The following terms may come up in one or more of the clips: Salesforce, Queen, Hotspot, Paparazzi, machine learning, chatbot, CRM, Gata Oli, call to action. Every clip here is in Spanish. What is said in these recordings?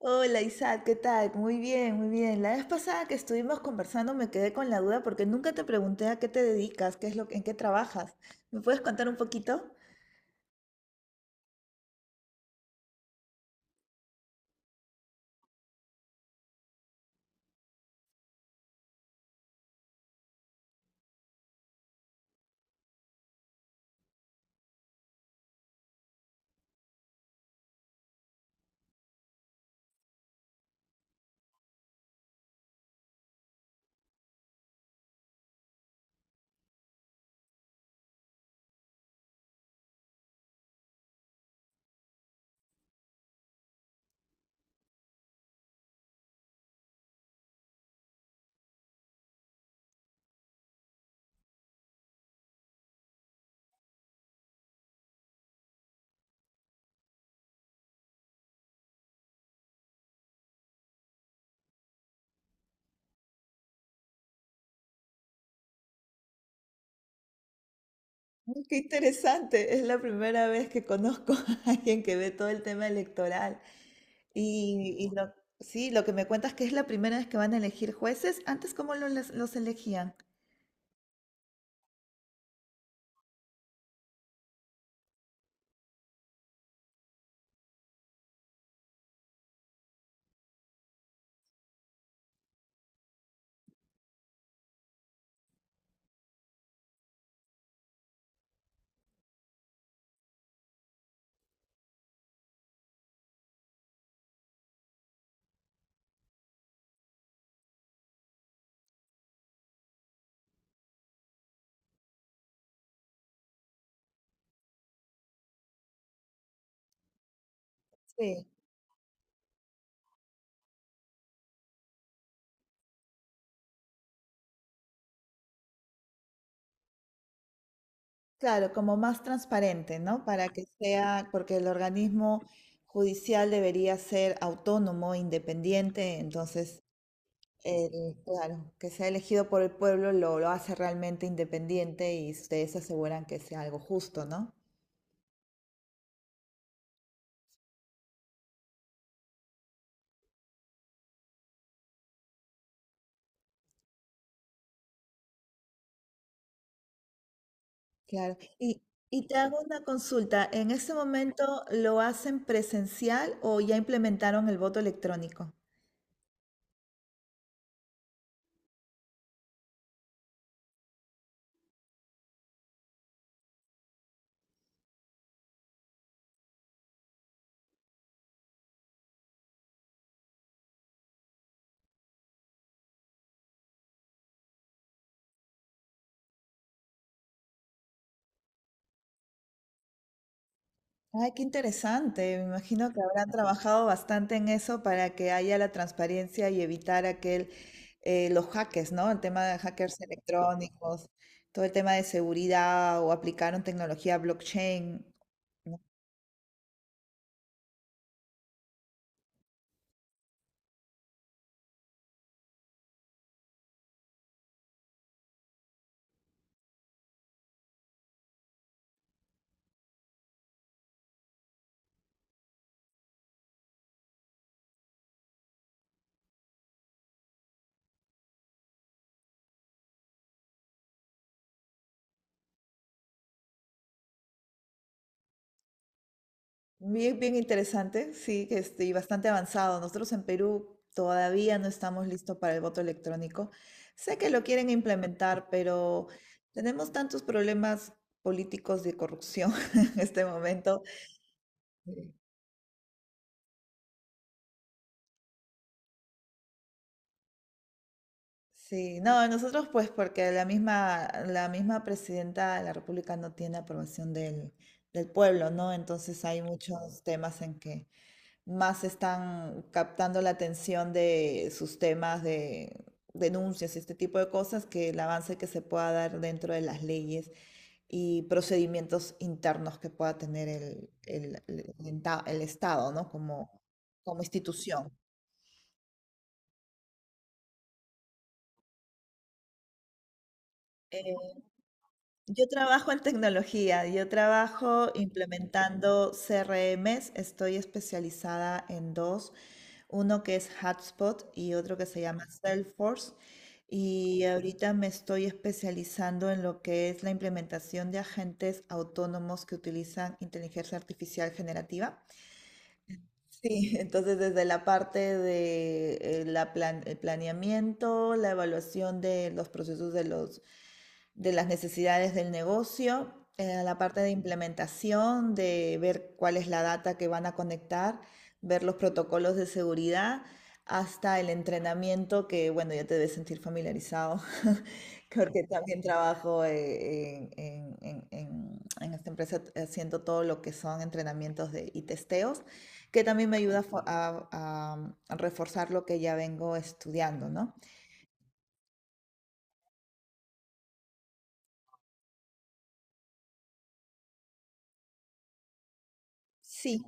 Hola Isaac, ¿qué tal? Muy bien, muy bien. La vez pasada que estuvimos conversando me quedé con la duda porque nunca te pregunté a qué te dedicas, qué es lo, en qué trabajas. ¿Me puedes contar un poquito? Qué interesante, es la primera vez que conozco a alguien que ve todo el tema electoral. Y, y lo- sí, lo que me cuentas que es la primera vez que van a elegir jueces. Antes, ¿cómo los elegían? Sí. Claro, como más transparente, ¿no? Para que sea, porque el organismo judicial debería ser autónomo, independiente, entonces, claro, que sea elegido por el pueblo lo hace realmente independiente y ustedes aseguran que sea algo justo, ¿no? Claro. Y te hago una consulta, ¿en este momento lo hacen presencial o ya implementaron el voto electrónico? Ay, qué interesante. Me imagino que habrán trabajado bastante en eso para que haya la transparencia y evitar aquel, los hackers, ¿no? El tema de hackers electrónicos, todo el tema de seguridad o aplicaron tecnología blockchain. ¿No? Bien, bien interesante, sí, y bastante avanzado. Nosotros en Perú todavía no estamos listos para el voto electrónico. Sé que lo quieren implementar, pero tenemos tantos problemas políticos de corrupción en este momento. Sí, no, nosotros pues porque la misma presidenta de la República no tiene aprobación del pueblo, ¿no? Entonces hay muchos temas en que más están captando la atención de sus temas de denuncias y este tipo de cosas que el avance que se pueda dar dentro de las leyes y procedimientos internos que pueda tener el Estado, ¿no? Como, como institución. Yo trabajo en tecnología, yo trabajo implementando CRMs, estoy especializada en dos, uno que es Hotspot y otro que se llama Salesforce. Y ahorita me estoy especializando en lo que es la implementación de agentes autónomos que utilizan inteligencia artificial generativa. Sí, entonces desde la parte de el planeamiento, la evaluación de los procesos de las necesidades del negocio, la parte de implementación, de ver cuál es la data que van a conectar, ver los protocolos de seguridad, hasta el entrenamiento, que bueno, ya te debes sentir familiarizado, porque también trabajo en esta empresa haciendo todo lo que son entrenamientos de, y testeos, que también me ayuda a, a reforzar lo que ya vengo estudiando, ¿no? Sí.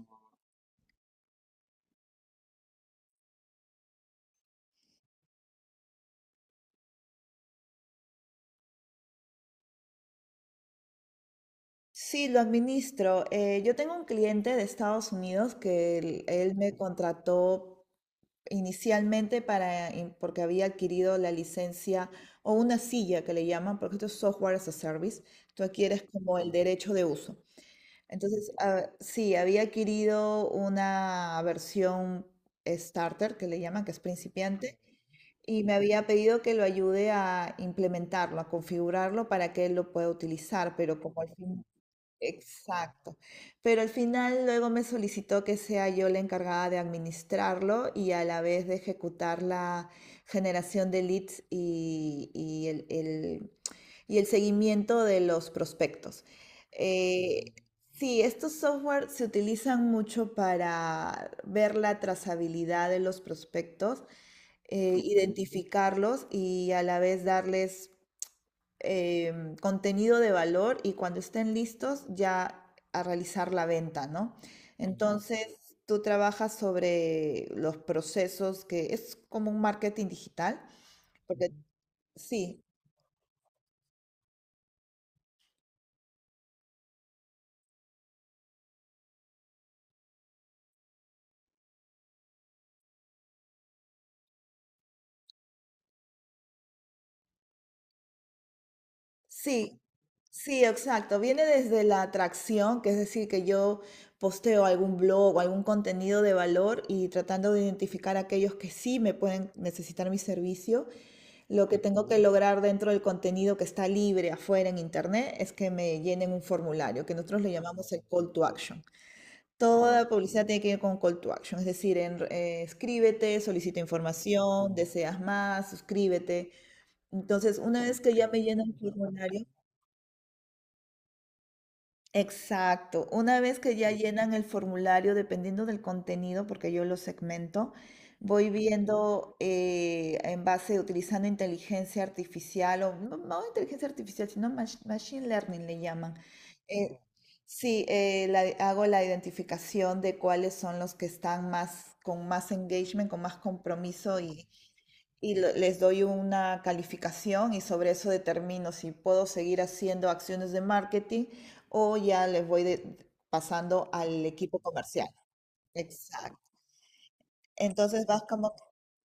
Sí, lo administro. Yo tengo un cliente de Estados Unidos que él me contrató inicialmente porque había adquirido la licencia o una silla que le llaman, porque esto es software as a service. Tú adquieres como el derecho de uso. Entonces, ah, sí, había adquirido una versión starter que le llaman, que es principiante, y me había pedido que lo ayude a implementarlo, a configurarlo para que él lo pueda utilizar, pero como al fin. Exacto. Pero al final luego me solicitó que sea yo la encargada de administrarlo y a la vez de ejecutar la generación de leads y el seguimiento de los prospectos. Eh, sí, estos software se utilizan mucho para ver la trazabilidad de los prospectos, identificarlos y a la vez darles contenido de valor y cuando estén listos ya a realizar la venta, ¿no? Entonces, tú trabajas sobre los procesos, que es como un marketing digital, porque sí, sí, sí, exacto. Viene desde la atracción, que es decir, que yo posteo algún blog o algún contenido de valor y tratando de identificar a aquellos que sí me pueden necesitar mi servicio. Lo que tengo que lograr dentro del contenido que está libre afuera en internet es que me llenen un formulario, que nosotros le llamamos el call to action. Toda publicidad tiene que ir con call to action, es decir, escríbete, solicita información, deseas más, suscríbete. Entonces, una vez que ya me llenan el formulario. Exacto. Una vez que ya llenan el formulario, dependiendo del contenido, porque yo lo segmento, voy viendo en base, utilizando inteligencia artificial, o no, no inteligencia artificial, sino machine learning le llaman. Eh, sí, eh, la- Hago la identificación de cuáles son los que están más, con más engagement, con más compromiso y les doy una calificación y sobre eso determino si puedo seguir haciendo acciones de marketing o ya les voy pasando al equipo comercial. Exacto. Entonces vas como...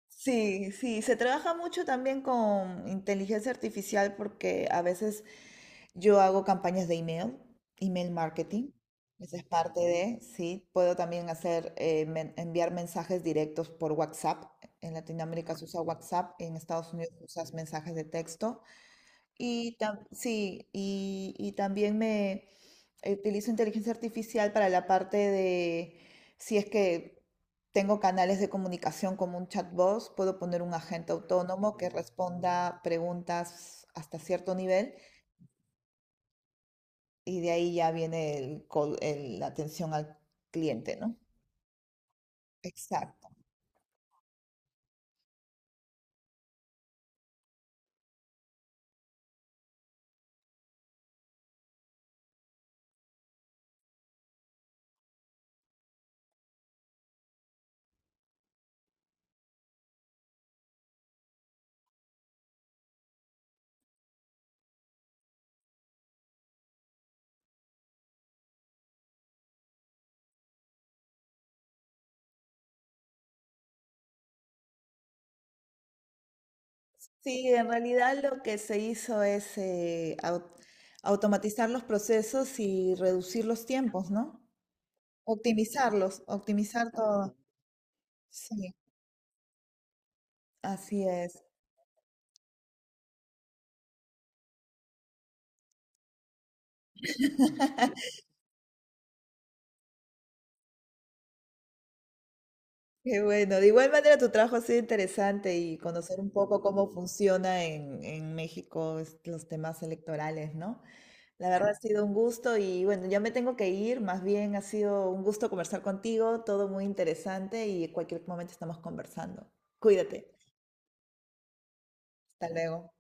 Sí, sí, se trabaja mucho también con inteligencia artificial porque a veces yo hago campañas de email, email marketing. Esa es parte de, sí. Puedo también hacer, enviar mensajes directos por WhatsApp. En Latinoamérica se usa WhatsApp, en Estados Unidos usas mensajes de texto. Sí, y también me utilizo inteligencia artificial para la parte de, si es que tengo canales de comunicación como un chatbot, puedo poner un agente autónomo que responda preguntas hasta cierto nivel y de ahí ya viene la atención al cliente, ¿no? Exacto. Sí, en realidad lo que se hizo es automatizar los procesos y reducir los tiempos, ¿no? Optimizarlos, optimizar todo. Sí, así es. Qué bueno. De igual manera, tu trabajo ha sido interesante y conocer un poco cómo funciona en México los temas electorales, ¿no? La verdad ha sido un gusto y bueno, ya me tengo que ir, más bien ha sido un gusto conversar contigo, todo muy interesante y en cualquier momento estamos conversando. Cuídate, hasta luego.